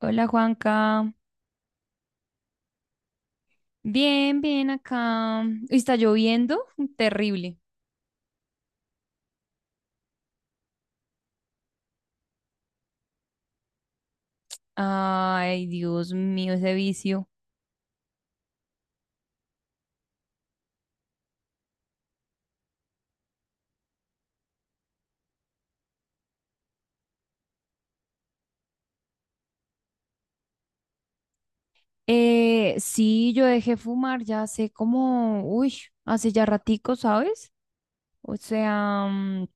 Hola Juanca. Bien, bien acá. Uy, está lloviendo, terrible. Ay, Dios mío, ese vicio. Sí, yo dejé fumar ya hace como, hace ya ratico, ¿sabes? O sea,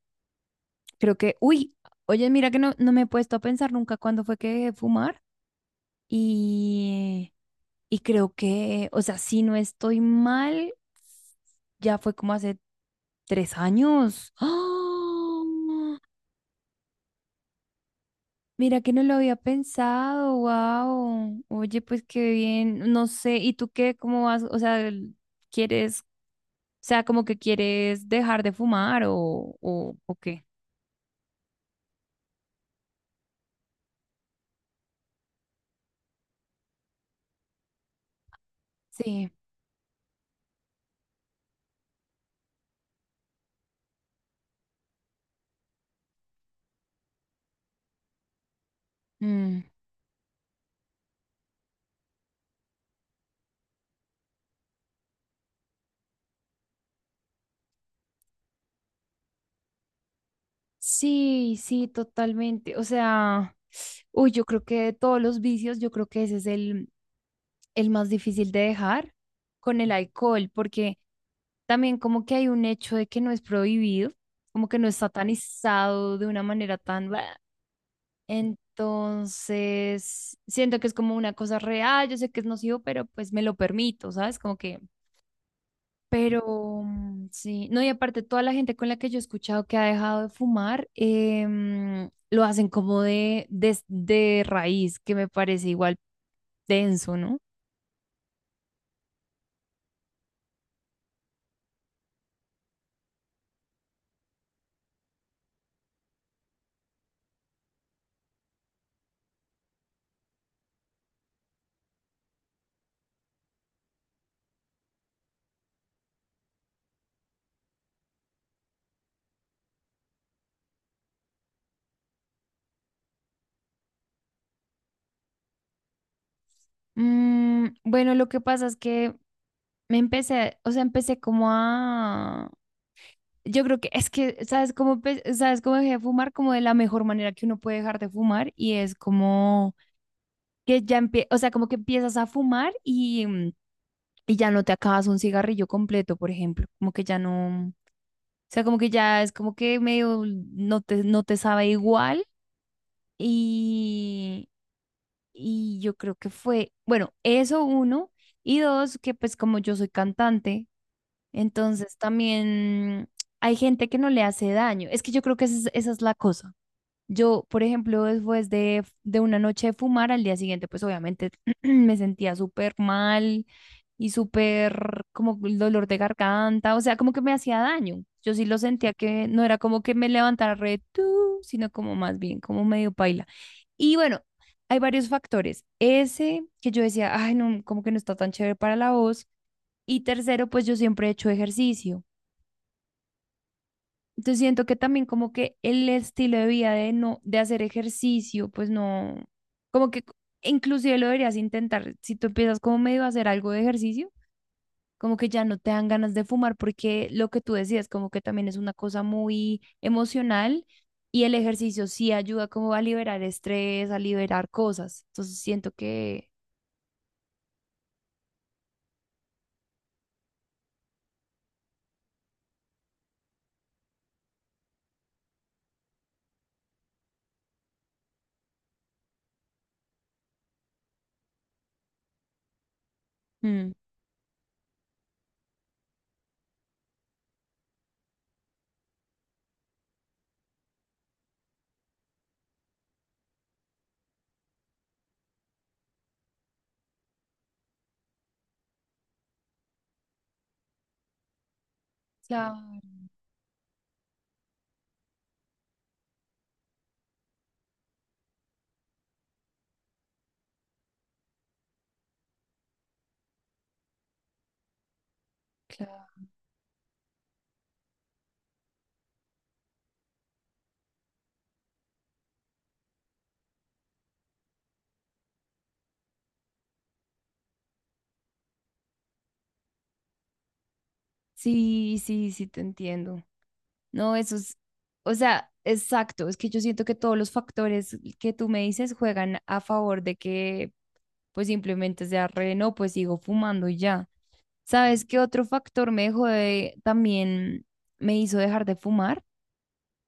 creo que, oye, mira que no me he puesto a pensar nunca cuándo fue que dejé fumar. Y, y creo que, o sea, si no estoy mal, ya fue como hace 3 años. ¡Ah! Mira que no lo había pensado, wow. Oye, pues qué bien, no sé, ¿y tú qué, cómo vas? O sea, el... ¿quieres, o sea, como que quieres dejar de fumar o qué? Sí, mm, sí, sí, totalmente. O sea, uy, yo creo que de todos los vicios, yo creo que ese es el más difícil de dejar con el alcohol, porque también como que hay un hecho de que no es prohibido, como que no está satanizado de una manera tan... ¡bua! Entonces, siento que es como una cosa real, yo sé que es nocivo, pero pues me lo permito, ¿sabes? Como que, pero sí, no, y aparte toda la gente con la que yo he escuchado que ha dejado de fumar, lo hacen como de, de raíz, que me parece igual denso, ¿no? Bueno, lo que pasa es que me empecé, o sea, empecé como a... Yo creo que es que, ¿sabes cómo, sabes cómo dejé de fumar? Como de la mejor manera que uno puede dejar de fumar y es como que ya empie o sea, como que empiezas a fumar y, y ya no te acabas un cigarrillo completo, por ejemplo, como que ya no, o sea, como que ya es como que medio no te, no te sabe igual y, y yo creo que fue, bueno, eso uno y dos, que pues como yo soy cantante, entonces también hay gente que no le hace daño, es que yo creo que esa es la cosa. Yo, por ejemplo, después de una noche de fumar, al día siguiente, pues obviamente me sentía súper mal y súper como el dolor de garganta, o sea, como que me hacía daño. Yo sí lo sentía que no era como que me levantara re tú, sino como más bien, como medio paila. Y bueno, hay varios factores. Ese que yo decía, ay, no, como que no está tan chévere para la voz. Y tercero, pues yo siempre he hecho ejercicio. Entonces siento que también como que el estilo de vida de no, de hacer ejercicio, pues no, como que inclusive lo deberías intentar. Si tú empiezas como medio a hacer algo de ejercicio, como que ya no te dan ganas de fumar, porque lo que tú decías, como que también es una cosa muy emocional y el ejercicio sí ayuda como a liberar estrés, a liberar cosas. Entonces siento que... mm, claro, claro. Sí, sí, sí, te entiendo. No, eso es, o sea, exacto, es que yo siento que todos los factores que tú me dices juegan a favor de que pues simplemente sea re, no, pues sigo fumando y ya. ¿Sabes qué otro factor me también me hizo dejar de fumar?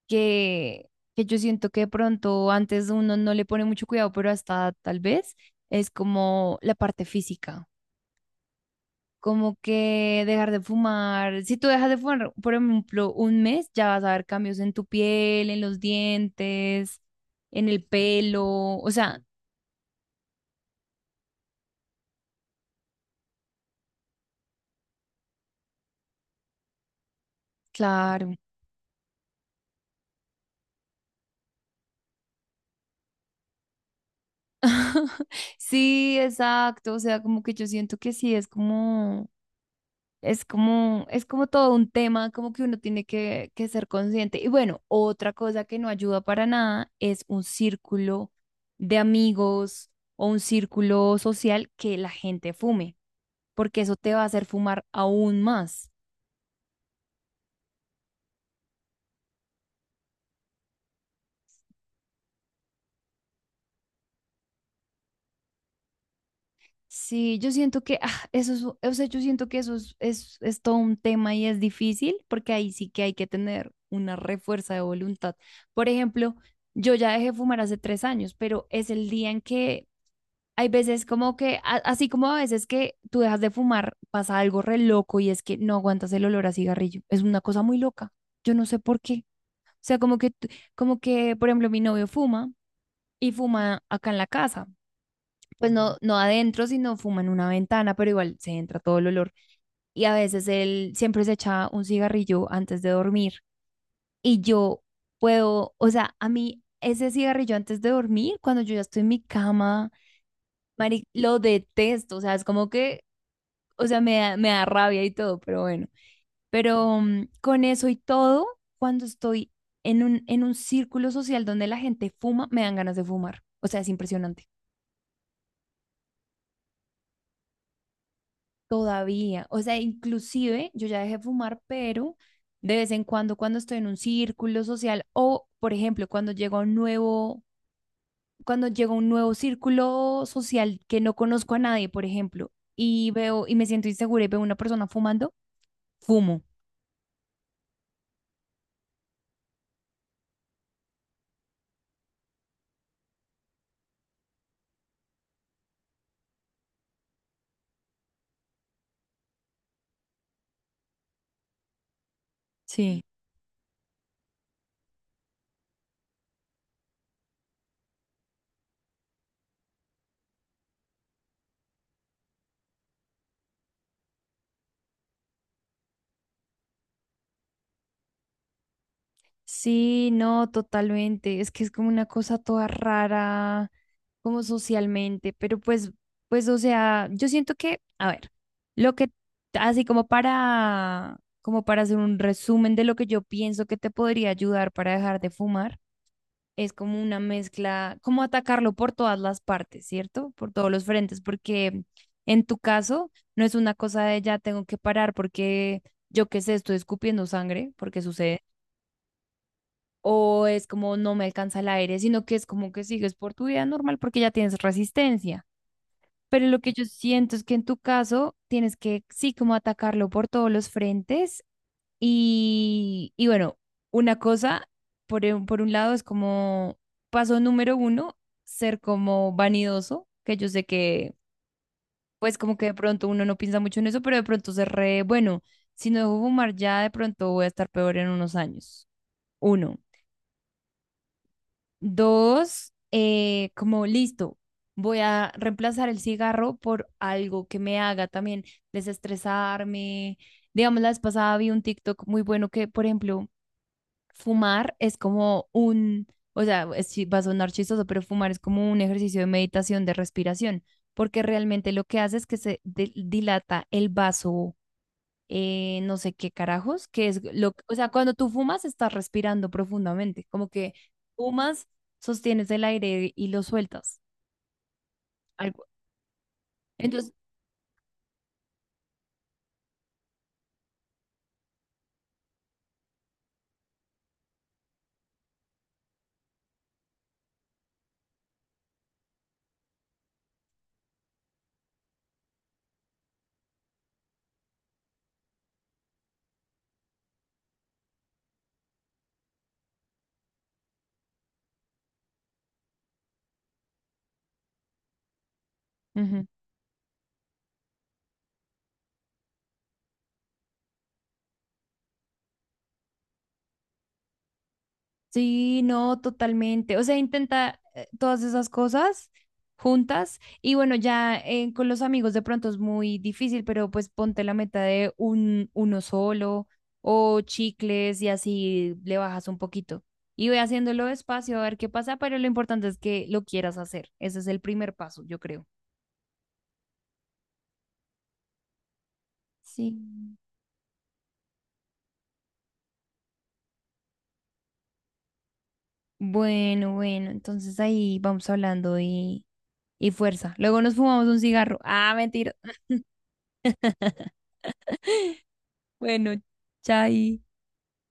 Que, que yo siento que de pronto antes uno no le pone mucho cuidado, pero hasta tal vez es como la parte física como que dejar de fumar. Si tú dejas de fumar, por ejemplo, un mes, ya vas a ver cambios en tu piel, en los dientes, en el pelo, o sea, claro. Sí, exacto, o sea, como que yo siento que sí, es como, es como, es como todo un tema, como que uno tiene que ser consciente. Y bueno, otra cosa que no ayuda para nada es un círculo de amigos o un círculo social que la gente fume, porque eso te va a hacer fumar aún más. Sí, yo siento que ah, eso es, o sea, yo siento que eso es todo un tema y es difícil porque ahí sí que hay que tener una refuerza de voluntad. Por ejemplo, yo ya dejé de fumar hace 3 años, pero es el día en que hay veces como que, así como a veces que tú dejas de fumar, pasa algo re loco y es que no aguantas el olor a cigarrillo. Es una cosa muy loca. Yo no sé por qué. O sea, como que, como que, por ejemplo, mi novio fuma y fuma acá en la casa pues no, no adentro, sino fuma en una ventana, pero igual se entra todo el olor. Y a veces él siempre se echa un cigarrillo antes de dormir. Y yo puedo, o sea, a mí ese cigarrillo antes de dormir, cuando yo ya estoy en mi cama, Mari, lo detesto. O sea, es como que, o sea, me da rabia y todo, pero bueno. Pero con eso y todo, cuando estoy en un círculo social donde la gente fuma, me dan ganas de fumar. O sea, es impresionante. Todavía, o sea, inclusive yo ya dejé de fumar, pero de vez en cuando, cuando estoy en un círculo social o, por ejemplo, cuando llego a un nuevo, cuando llego a un nuevo círculo social que no conozco a nadie, por ejemplo, y veo y me siento insegura y veo a una persona fumando, fumo. Sí, no, totalmente. Es que es como una cosa toda rara, como socialmente, pero pues, pues, o sea, yo siento que, a ver, lo que, así como para, como para hacer un resumen de lo que yo pienso que te podría ayudar para dejar de fumar, es como una mezcla, como atacarlo por todas las partes, ¿cierto? Por todos los frentes, porque en tu caso no es una cosa de ya tengo que parar porque yo qué sé, estoy escupiendo sangre, porque sucede o es como no me alcanza el aire, sino que es como que sigues por tu vida normal porque ya tienes resistencia. Pero lo que yo siento es que en tu caso tienes que sí como atacarlo por todos los frentes y bueno, una cosa, por, por un lado es como paso número uno, ser como vanidoso, que yo sé que pues como que de pronto uno no piensa mucho en eso, pero de pronto se re, bueno, si no dejo fumar ya de pronto voy a estar peor en unos años. Uno. Dos, como listo, voy a reemplazar el cigarro por algo que me haga también desestresarme. Digamos, la vez pasada vi un TikTok muy bueno que, por ejemplo, fumar es como un, o sea, es va a sonar chistoso, pero fumar es como un ejercicio de meditación, de respiración, porque realmente lo que hace es que se dilata el vaso no sé qué carajos, que es lo, o sea, cuando tú fumas estás respirando profundamente, como que fumas, sostienes el aire y lo sueltas. Algo. Entonces, ujú. Sí, no, totalmente. O sea, intenta todas esas cosas juntas y bueno, ya con los amigos de pronto es muy difícil, pero pues ponte la meta de un uno solo o chicles y así le bajas un poquito. Y voy haciéndolo despacio a ver qué pasa, pero lo importante es que lo quieras hacer. Ese es el primer paso, yo creo. Sí. Bueno, bueno, entonces ahí vamos hablando y fuerza. Luego nos fumamos un cigarro. Ah, mentira. Bueno, chai.